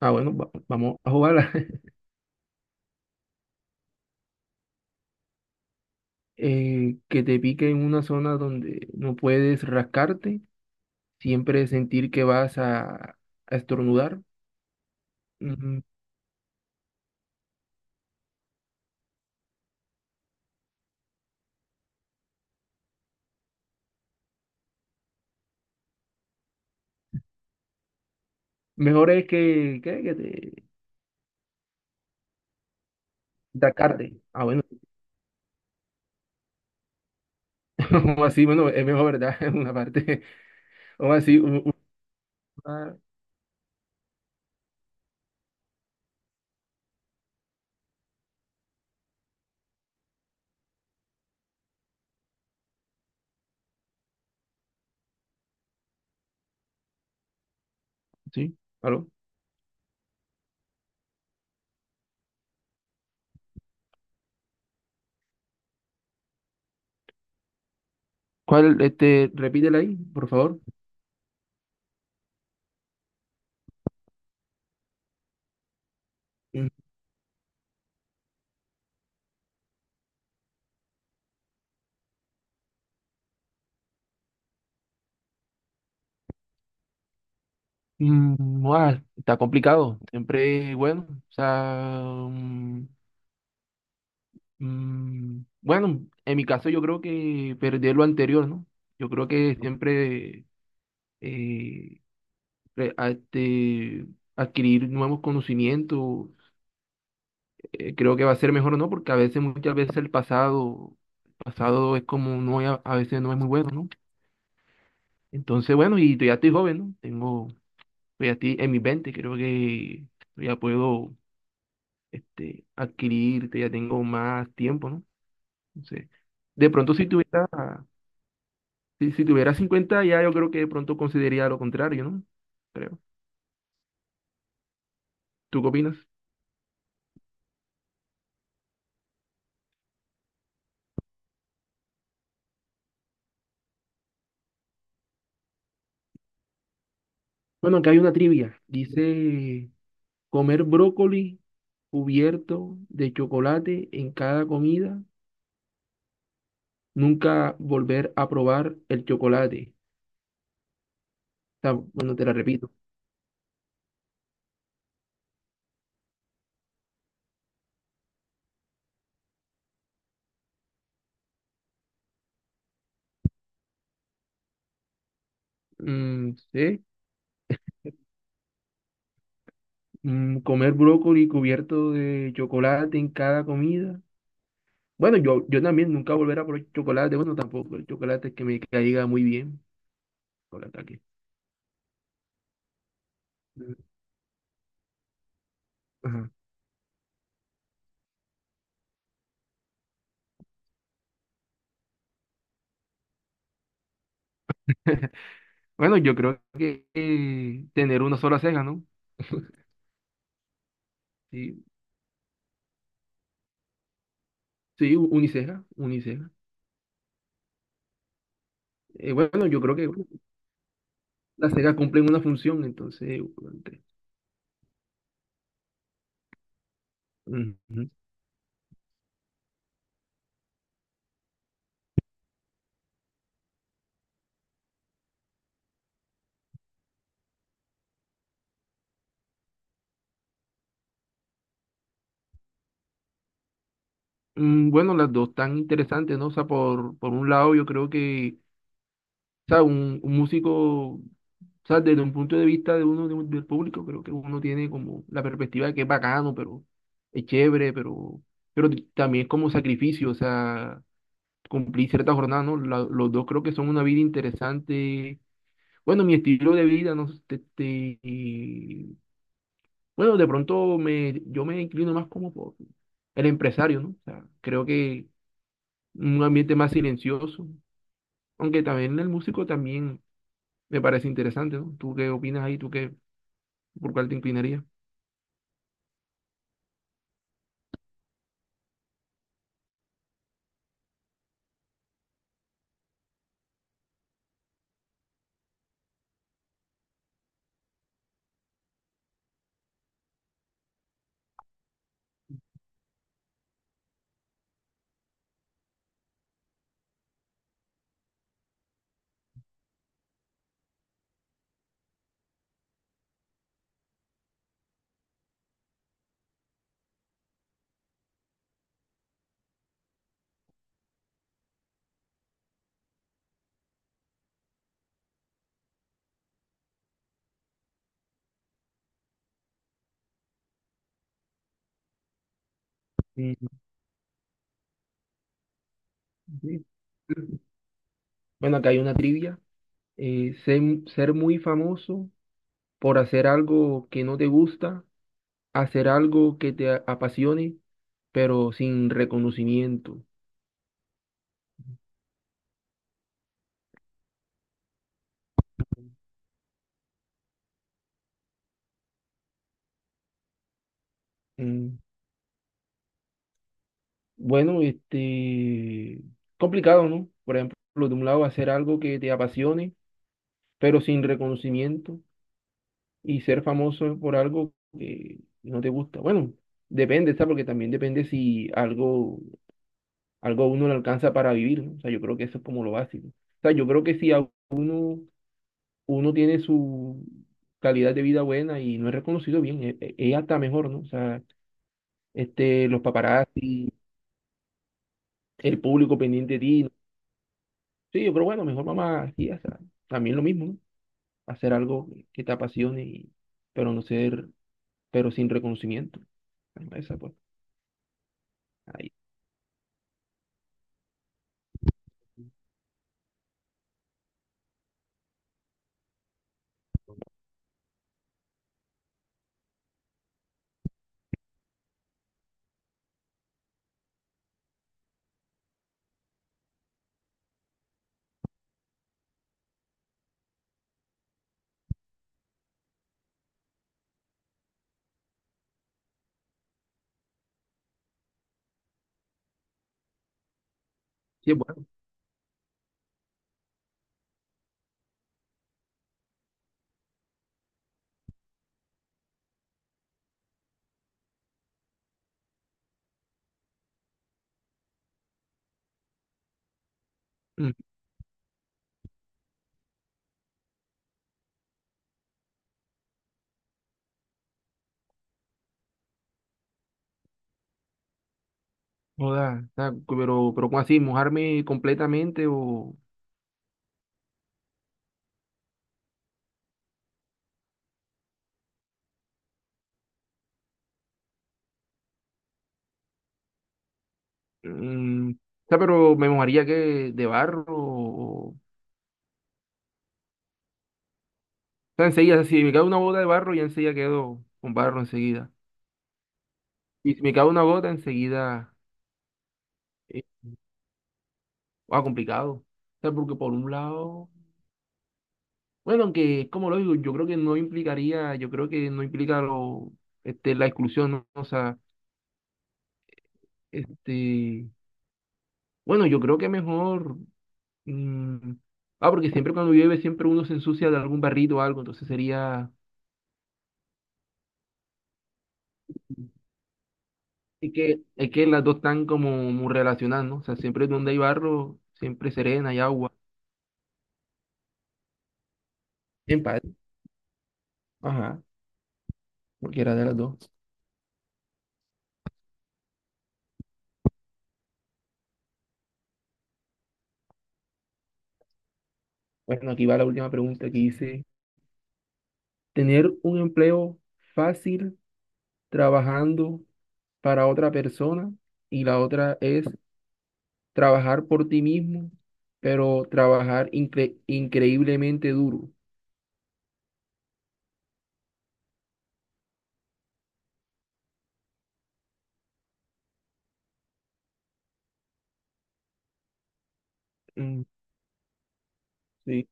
Ah, bueno, vamos a jugarla. Que te pique en una zona donde no puedes rascarte, siempre sentir que a estornudar. Mm, mejor es que te atacarte. Ah, bueno, o así, bueno, es mejor, ¿verdad? Una parte, o así, ah, sí, ¿aló? ¿Cuál, este, repítela ahí, por favor? Mm, está complicado, siempre, bueno, o sea, mm, bueno, en mi caso yo creo que perder lo anterior, ¿no? Yo creo que siempre eh, este, adquirir nuevos conocimientos, creo que va a ser mejor, ¿no? Porque a veces, muchas veces el pasado es como no, a veces no es muy bueno, ¿no? Entonces, bueno, y ya estoy joven, ¿no? Tengo, estoy aquí en mis 20, creo que ya puedo, este, adquirir, ya tengo más tiempo, ¿no? Entonces, de pronto si tuviera si, si tuviera 50, ya yo creo que de pronto consideraría lo contrario, ¿no? Creo. ¿Tú qué opinas? Bueno, acá hay una trivia. Dice, comer brócoli cubierto de chocolate en cada comida, nunca volver a probar el chocolate. O sea, bueno, te la repito. Mm, sí. Mm, comer brócoli cubierto de chocolate en cada comida. Bueno, yo también nunca volver a probar chocolate. Bueno, tampoco. El chocolate es que me caiga muy bien. Chocolate aquí. Mm. Ajá. Bueno, yo creo que tener una sola ceja, ¿no? Sí, sí, uniceja, uniceja. Bueno, yo creo que bueno, las cejas cumplen una función, entonces, ante- ujú. Mm, bueno, las dos tan interesantes, ¿no? O sea, por un lado, yo creo que, o sea, un músico, o sea, desde un punto de vista de uno, del público, creo que uno tiene como la perspectiva de que es bacano, pero es chévere, pero también es como sacrificio, o sea, cumplí cierta jornada, ¿no? Los dos creo que son una vida interesante. Bueno, mi estilo de vida, no sé, y, bueno, de pronto me, yo me inclino más como por el empresario, ¿no? O sea, creo que un ambiente más silencioso, aunque también el músico también me parece interesante, ¿no? ¿Tú qué opinas ahí? ¿Tú qué, por cuál te inclinarías? Mm, sí. Bueno, acá hay una trivia. Eh, ser, ser muy famoso por hacer algo que no te gusta, hacer algo que apasione, pero sin reconocimiento. Mm, bueno, este, complicado, ¿no? Por ejemplo, de un lado, hacer algo que te apasione, pero sin reconocimiento, y ser famoso por algo que no te gusta. Bueno, depende, ¿sabes? Porque también depende si algo, algo a uno le alcanza para vivir, ¿no? O sea, yo creo que eso es como lo básico. O sea, yo creo que si a uno, uno tiene su calidad de vida buena y no es reconocido bien, es, hasta mejor, ¿no? O sea, este, los paparazzi, el público pendiente de ti, ¿no? Sí, pero bueno, mejor mamá, aquí, o sea, también lo mismo, ¿no? Hacer algo que te apasione, pero no ser, pero sin reconocimiento. Ahí va esa, pues, ahí. Sí, es bueno. Mm, joda, o sea, pero ¿cómo así? ¿Mojarme completamente o...? Mm, o sea, pero me mojaría que de barro o enseguida, si me cae una gota de barro, ya enseguida quedo con barro enseguida. Y si me cae una gota, enseguida, eh, complicado. O sea, porque por un lado, bueno, aunque es como lo digo, yo creo que no implicaría, yo creo que no implica lo, este, la exclusión, ¿no? O sea, este, bueno, yo creo que mejor, mm, porque siempre cuando llueve, siempre uno se ensucia de algún barrito o algo, entonces sería, es que las dos están como muy relacionadas, ¿no? O sea, siempre donde hay barro, siempre serena y agua. En parte. Ajá. Cualquiera de las dos. Bueno, aquí va la última pregunta que dice, ¿tener un empleo fácil trabajando para otra persona? Y la otra es trabajar por ti mismo, pero trabajar increíblemente duro. Mm, sí,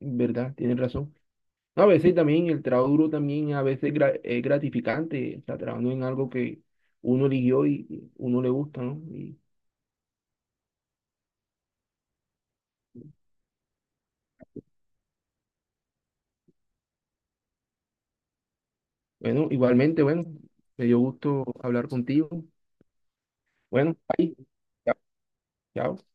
verdad, tienes razón. No, a veces también el trabajo duro también a veces es gratificante, o trabajando en algo que uno eligió y uno le gusta, ¿no? Y bueno, igualmente, bueno, me dio gusto hablar contigo. Bueno, ahí. Chao. Chao.